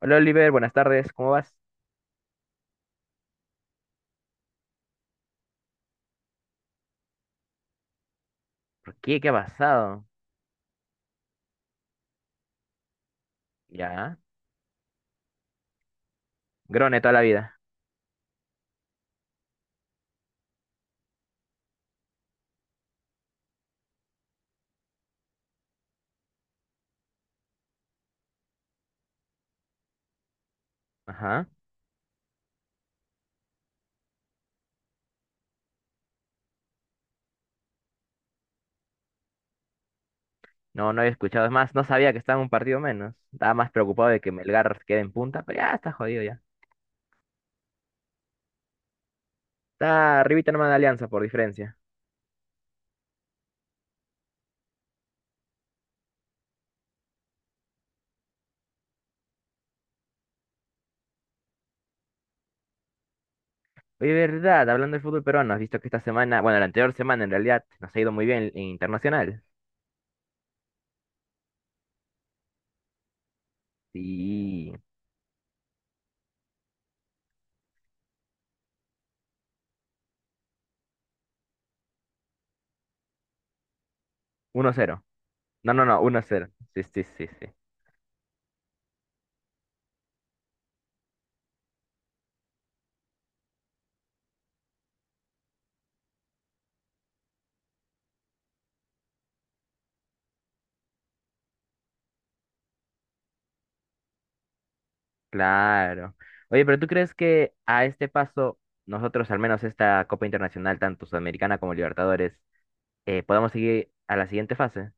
Hola Oliver, buenas tardes, ¿cómo vas? ¿Por qué? ¿Qué ha pasado? Ya, Grone toda la vida. Ajá. No, no había escuchado. Es más, no sabía que estaba en un partido menos. Estaba más preocupado de que Melgar quede en punta, pero ya está jodido ya. Está arribita nomás de Alianza, por diferencia. Oye, verdad, hablando del fútbol peruano, has visto que esta semana, bueno, la anterior semana en realidad, nos ha ido muy bien en internacional. Sí, uno cero. No, no, no, uno cero. Sí, sí, sí, sí. Claro. Oye, pero ¿tú crees que a este paso, nosotros, al menos esta Copa Internacional, tanto Sudamericana como Libertadores, podamos seguir a la siguiente fase?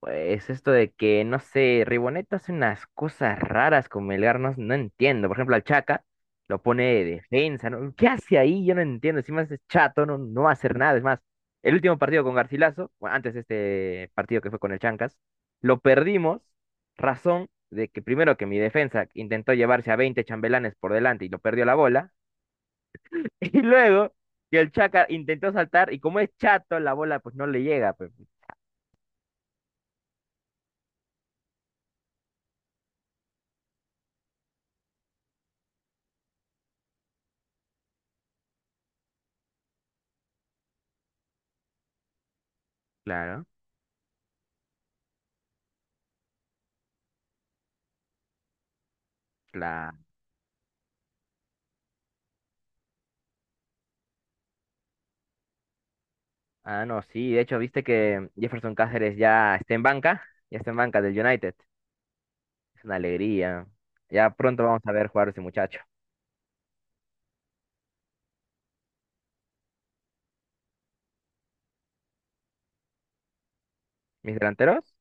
Pues esto de que, no sé, Riboneta hace unas cosas raras con Melgar, no, no entiendo. Por ejemplo, al Chaca lo pone de defensa, ¿no? ¿Qué hace ahí? Yo no entiendo. Si más es chato, no, no va a hacer nada. Es más, el último partido con Garcilaso, bueno, antes de este partido que fue con el Chancas, lo perdimos. Razón de que primero que mi defensa intentó llevarse a 20 chambelanes por delante y lo perdió la bola. Y luego que el Chaca intentó saltar y como es chato, la bola pues no le llega. Pues, claro, claro. Ah, no, sí, de hecho, viste que Jefferson Cáceres ya está en banca, ya está en banca del United. Es una alegría. Ya pronto vamos a ver jugar a ese muchacho. Mis delanteros,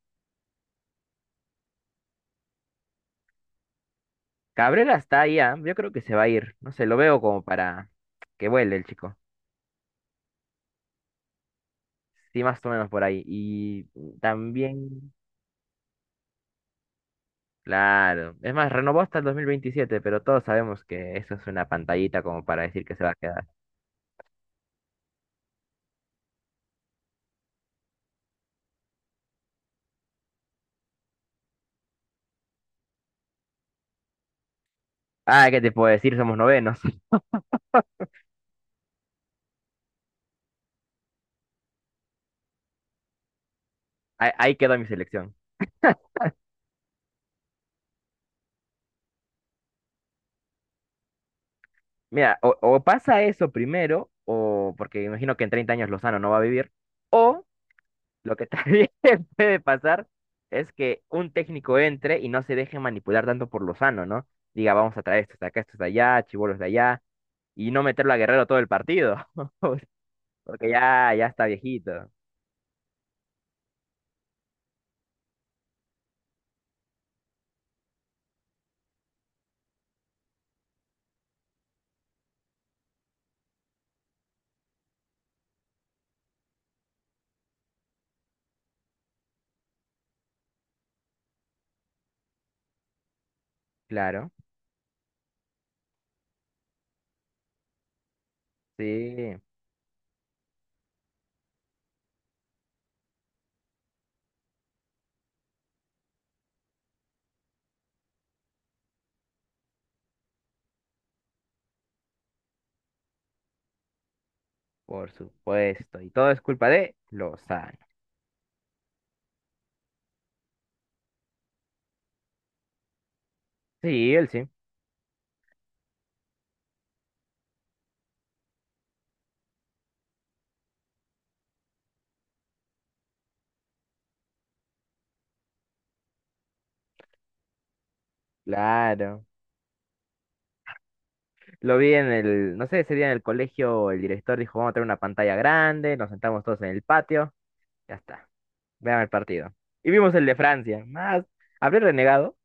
Cabrera está ahí, ah, yo creo que se va a ir. No sé, lo veo como para que vuele el chico. Sí, más o menos por ahí. Y también, claro, es más, renovó hasta el 2027 pero todos sabemos que eso es una pantallita como para decir que se va a quedar. Ah, ¿qué te puedo decir? Somos novenos. Ahí, ahí quedó mi selección. Mira, o pasa eso primero, o porque imagino que en 30 años Lozano no va a vivir, o lo que también puede pasar es que un técnico entre y no se deje manipular tanto por Lozano, ¿no? Diga, vamos a traer estos de acá, estos de allá, chibolos de allá, y no meterlo a Guerrero todo el partido, porque ya, ya está viejito. Claro, sí, por supuesto. Y todo es culpa de Lozano. Sí, él sí. Claro. Lo vi en el, no sé, ese día en el colegio el director dijo, vamos a tener una pantalla grande, nos sentamos todos en el patio, ya está, vean el partido. Y vimos el de Francia, más, habré renegado,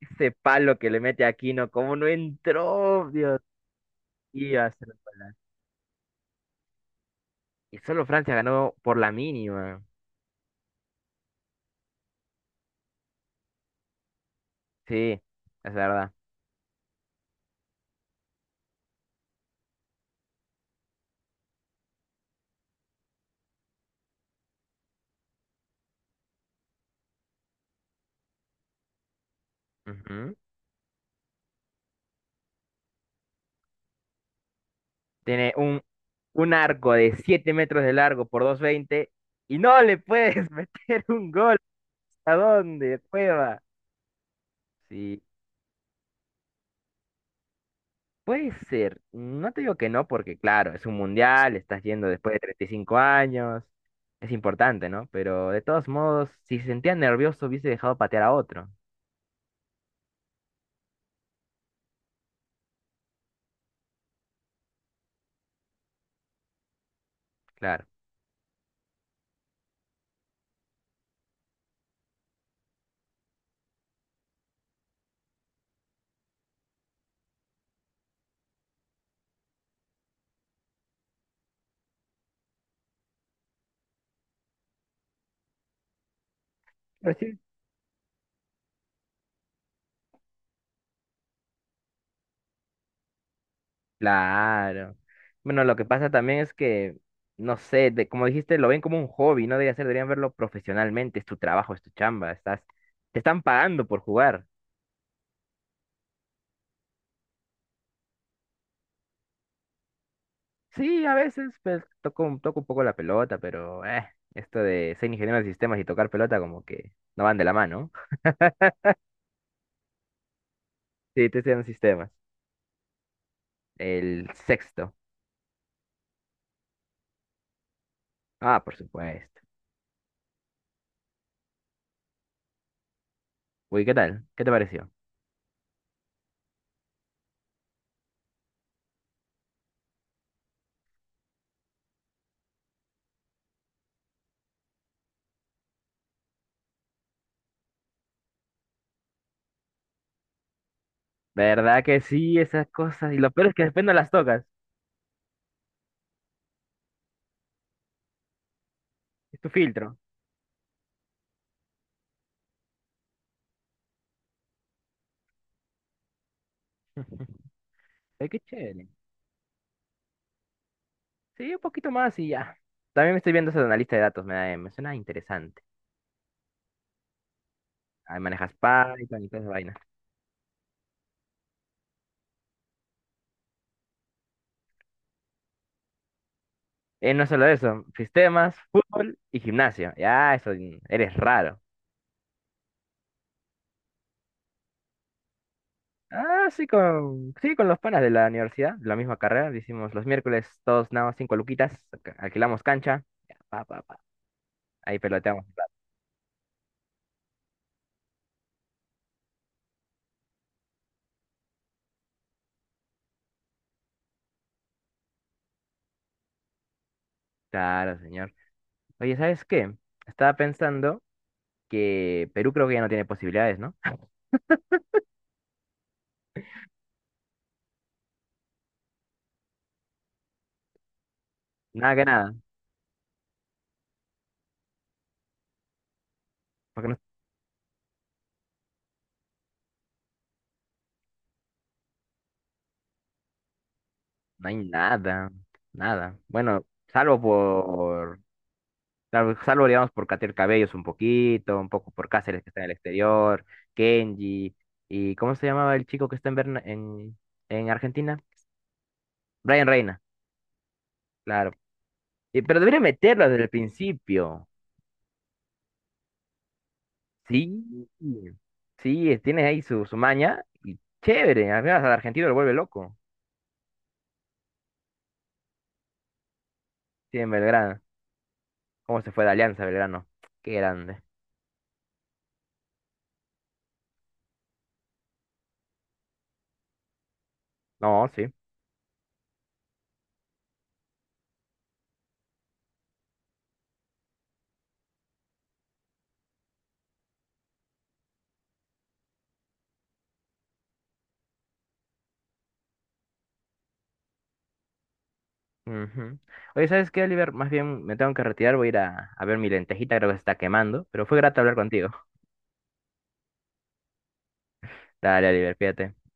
ese palo que le mete a Aquino, cómo no entró, Dios mío. Y solo Francia ganó por la mínima, sí, es verdad. Ujú. Tiene un arco de 7 metros de largo por doscientos veinte y no le puedes meter un gol, ¿a dónde, cueva? Sí. Puede ser, no te digo que no, porque claro, es un mundial, estás yendo después de 35 años, es importante, ¿no? Pero de todos modos, si se sentía nervioso, hubiese dejado patear a otro, claro. Pero sí, claro. Bueno, lo que pasa también es que, no sé, de, como dijiste, lo ven como un hobby, no debería ser, deberían verlo profesionalmente, es tu trabajo, es tu chamba, estás, te están pagando por jugar. Sí, a veces, pues, toco, toco un poco la pelota, pero, esto de ser ingeniero de sistemas y tocar pelota como que no van de la mano. Sí, te estoy en sistemas. El sexto. Ah, por supuesto. Uy, ¿qué tal? ¿Qué te pareció? ¿Verdad que sí, esas cosas? Y lo peor es que después no las tocas. Es tu filtro. Ay, qué chévere. Sí, un poquito más y ya. También me estoy viendo eso de analista de datos. Me suena interesante. Ahí manejas Python y toda esa vaina. No solo eso. Sistemas, fútbol y gimnasia. Ya, eso eres raro. Ah, sí, sí, con los panas de la universidad, de la misma carrera. Hicimos los miércoles, todos nada más cinco luquitas, alquilamos cancha, ya, pa, pa, pa. Ahí peloteamos. Un rato. Claro, señor. Oye, ¿sabes qué? Estaba pensando que Perú creo que ya no tiene posibilidades, ¿no? Nada que nada, porque no, no hay nada, nada. Bueno, salvo por, salvo, salvo, digamos, por Cater Cabellos un poquito, un poco por Cáceres que está en el exterior, Kenji, y ¿cómo se llamaba el chico que está en, en Argentina? Brian Reina, claro. Pero debería meterlo desde el principio. Sí, sí, tiene ahí su, su maña. Y chévere, al menos al argentino lo vuelve loco. Sí, en Belgrano. ¿Cómo se fue de Alianza Belgrano? Qué grande. No, sí. Ujú. Oye, ¿sabes qué, Oliver? Más bien me tengo que retirar, voy a ir a ver mi lentejita, creo que se está quemando. Pero fue grato hablar contigo. Dale, Oliver, fíjate.